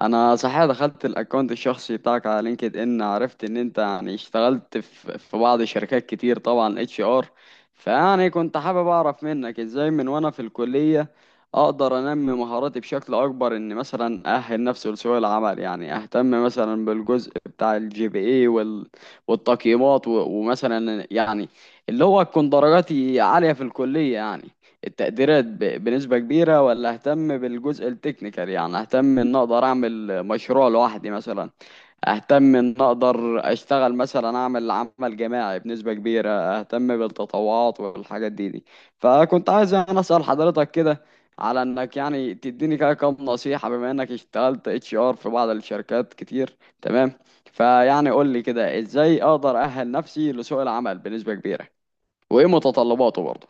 انا صحيح دخلت الاكونت الشخصي بتاعك على لينكد ان، عرفت ان انت يعني اشتغلت في بعض الشركات كتير، طبعا اتش ار. فيعني كنت حابب اعرف منك ازاي من وانا في الكلية اقدر انمي مهاراتي بشكل اكبر، ان مثلا اهل نفسي لسوق العمل. يعني اهتم مثلا بالجزء بتاع الجي بي اي والتقييمات ومثلا يعني اللي هو تكون درجاتي عالية في الكلية، يعني التقديرات بنسبة كبيرة، ولا اهتم بالجزء التكنيكال. يعني اهتم ان اقدر اعمل مشروع لوحدي مثلا، اهتم ان اقدر اشتغل مثلا اعمل عمل جماعي بنسبة كبيرة، اهتم بالتطوعات والحاجات دي. فكنت عايز انا اسأل حضرتك كده على انك، يعني تديني كده كام نصيحة، بما انك اشتغلت اتش ار في بعض الشركات كتير. تمام. فيعني قول لي كده ازاي اقدر اأهل نفسي لسوق العمل بنسبة كبيرة، وايه متطلباته برضه.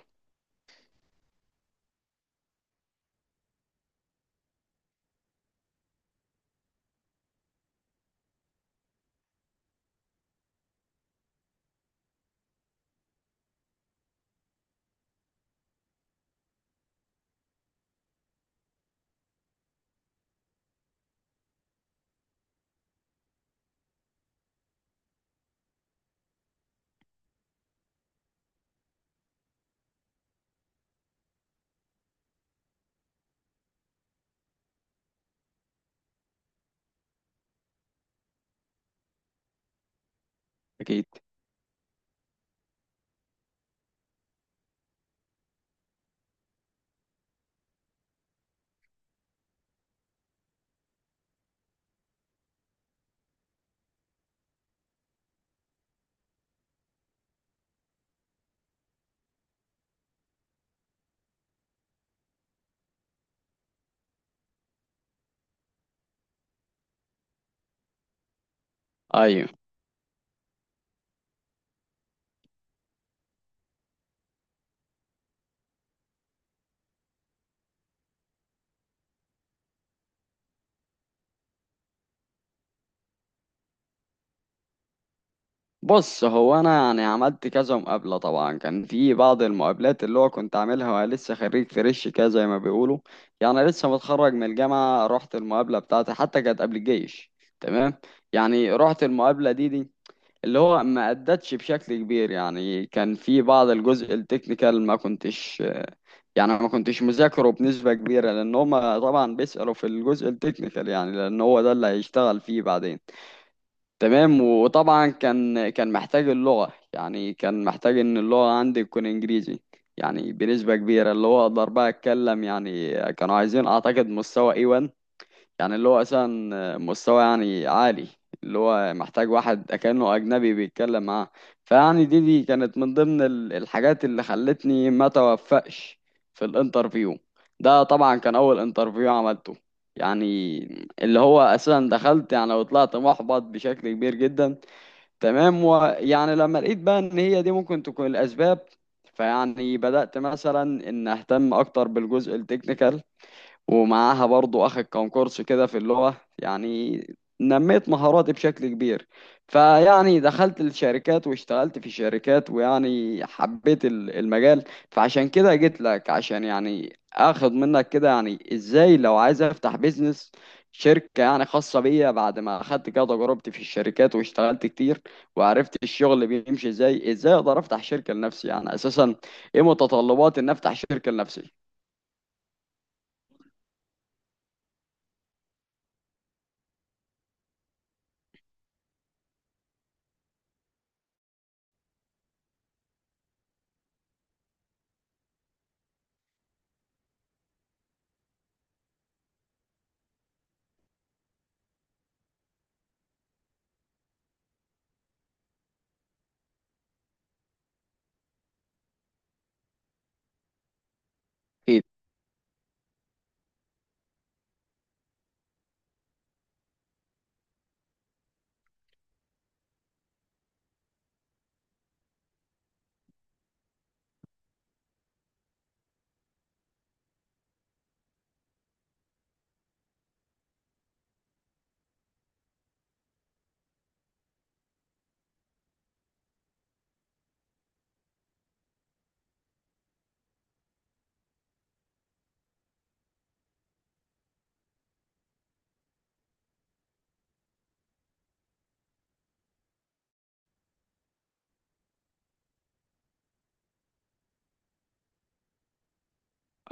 اكيد. ايوه. بص، هو انا يعني عملت كذا مقابله، طبعا كان في بعض المقابلات اللي هو كنت عاملها وانا لسه خريج فريش كده زي ما بيقولوا، يعني لسه متخرج من الجامعه. رحت المقابله بتاعتي، حتى كانت قبل الجيش. تمام. يعني رحت المقابله دي اللي هو ما ادتش بشكل كبير، يعني كان في بعض الجزء التكنيكال ما كنتش، يعني ما كنتش مذاكره بنسبه كبيره، لان هم طبعا بيسالوا في الجزء التكنيكال، يعني لان هو ده اللي هيشتغل فيه بعدين. تمام. وطبعا كان محتاج اللغة، يعني كان محتاج ان اللغة عندي تكون انجليزي يعني بنسبة كبيرة، اللي هو اقدر بقى اتكلم. يعني كانوا عايزين اعتقد مستوى A1، يعني اللي هو أصلا مستوى يعني عالي، اللي هو محتاج واحد كأنه أجنبي بيتكلم معاه. فيعني دي كانت من ضمن الحاجات اللي خلتني ما توفقش في الانترفيو. ده طبعا كان أول انترفيو عملته، يعني اللي هو أساسا دخلت يعني وطلعت محبط بشكل كبير جدا. تمام. ويعني لما لقيت بقى إن هي دي ممكن تكون الأسباب، فيعني بدأت مثلا إن أهتم أكتر بالجزء التكنيكال، ومعاها برضو اخد كام كورس كده في اللغة، يعني نميت مهاراتي بشكل كبير. فيعني دخلت الشركات واشتغلت في شركات، ويعني حبيت المجال. فعشان كده جيت لك عشان يعني اخد منك كده، يعني ازاي لو عايز افتح بيزنس، شركة يعني خاصة بيا، بعد ما اخدت كده تجربتي في الشركات واشتغلت كتير وعرفت الشغل بيمشي ازاي، ازاي اقدر افتح شركة لنفسي يعني اساسا، ايه متطلبات ان افتح شركة لنفسي. اكيد.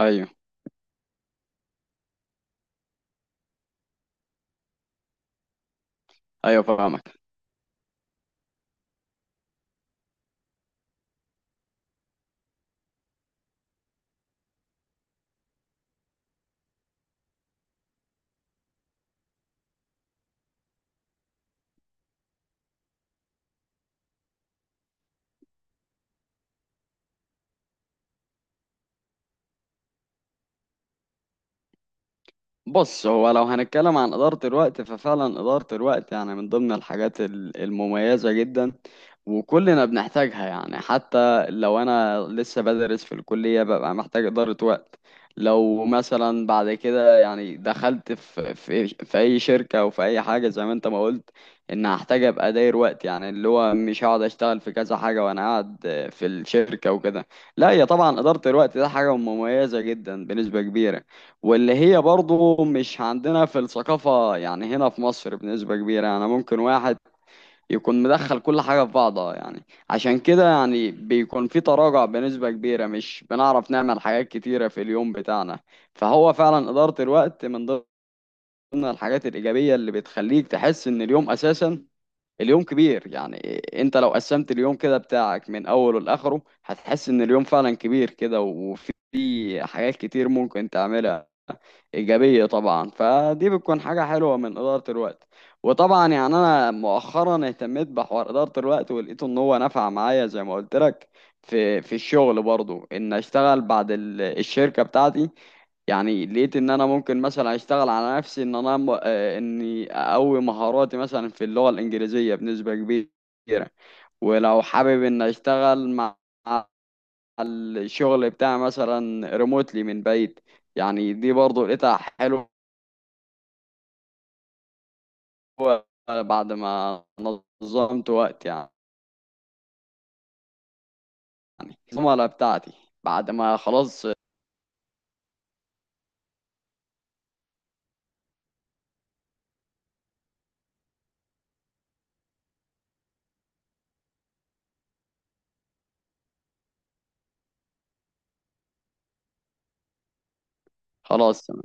ايوه. ايوه فاهمك. بص، هو لو هنتكلم عن إدارة الوقت، ففعلا إدارة الوقت يعني من ضمن الحاجات المميزة جدا، وكلنا بنحتاجها. يعني حتى لو أنا لسه بدرس في الكلية ببقى محتاج إدارة وقت. لو مثلا بعد كده يعني دخلت في أي شركة أو في أي حاجة، زي ما أنت ما قلت، إن هحتاج أبقى داير وقت، يعني اللي هو مش هقعد أشتغل في كذا حاجة وأنا قاعد في الشركة وكده. لا، هي طبعا إدارة الوقت ده حاجة مميزة جدا بنسبة كبيرة، واللي هي برضه مش عندنا في الثقافة، يعني هنا في مصر بنسبة كبيرة، يعني ممكن واحد يكون مدخل كل حاجة في بعضها يعني. عشان كده يعني بيكون في تراجع بنسبة كبيرة، مش بنعرف نعمل حاجات كتيرة في اليوم بتاعنا. فهو فعلا إدارة الوقت من ضمن الحاجات الإيجابية اللي بتخليك تحس إن اليوم أساسا اليوم كبير يعني. انت لو قسمت اليوم كده بتاعك من أوله لآخره هتحس إن اليوم فعلا كبير كده، وفي حاجات كتير ممكن تعملها، إيجابية طبعا. فدي بتكون حاجة حلوة من إدارة الوقت. وطبعا يعني أنا مؤخرا اهتميت بحوار إدارة الوقت ولقيته إن هو نفع معايا، زي ما قلت لك في الشغل برضو. إن أشتغل بعد الشركة بتاعتي يعني، لقيت إن أنا ممكن مثلا أشتغل على نفسي، إن أنا م- آه، إني أقوي مهاراتي مثلا في اللغة الإنجليزية بنسبة كبيرة، ولو حابب إن أشتغل مع مع الشغل بتاعي مثلا ريموتلي من بعيد. يعني دي برضو لقيتها حلوة، هو بعد ما نظمت وقت يعني. الزملاء بتاعتي بعد ما خلاص. خلاص. تمام.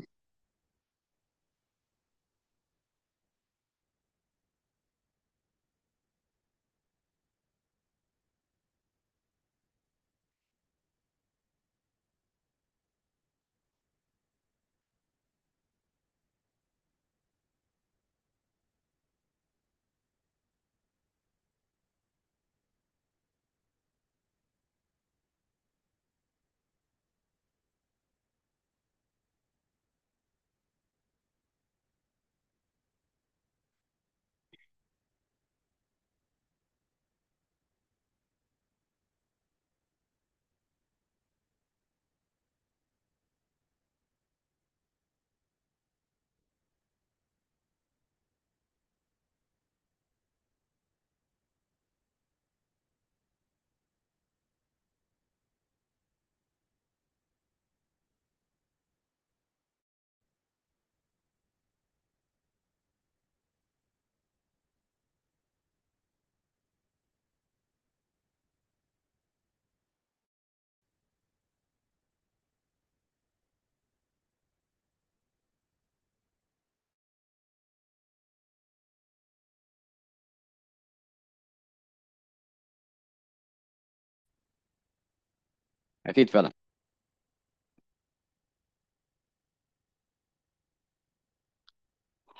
اكيد فعلا.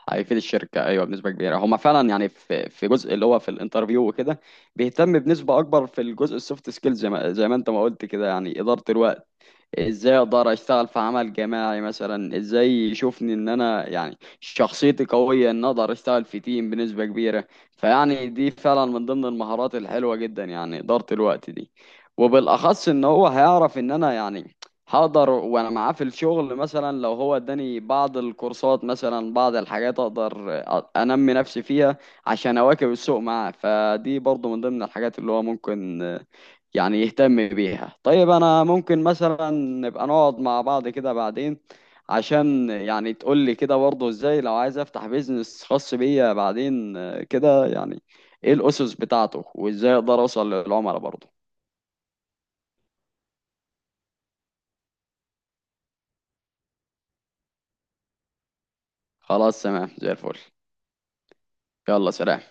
هيفيد الشركه، ايوه بنسبه كبيره. هما فعلا يعني في جزء اللي هو في الانترفيو وكده بيهتم بنسبه اكبر في الجزء السوفت سكيلز، زي ما انت ما قلت كده، يعني اداره الوقت، ازاي اقدر اشتغل في عمل جماعي مثلا، ازاي يشوفني ان انا يعني شخصيتي قوية ان اقدر اشتغل في تيم بنسبة كبيرة. فيعني دي فعلا من ضمن المهارات الحلوة جدا، يعني إدارة الوقت دي. وبالاخص ان هو هيعرف ان انا يعني هقدر وانا معاه في الشغل، مثلا لو هو اداني بعض الكورسات مثلا، بعض الحاجات اقدر انمي نفسي فيها عشان اواكب السوق معاه. فدي برضو من ضمن الحاجات اللي هو ممكن يعني يهتم بيها. طيب انا ممكن مثلا نبقى نقعد مع بعض كده بعدين، عشان يعني تقول لي كده برضه ازاي لو عايز افتح بيزنس خاص بيا بعدين، كده يعني ايه الاسس بتاعته وازاي اقدر اوصل للعملاء برضه. خلاص تمام، زي الفل. يلا سلام.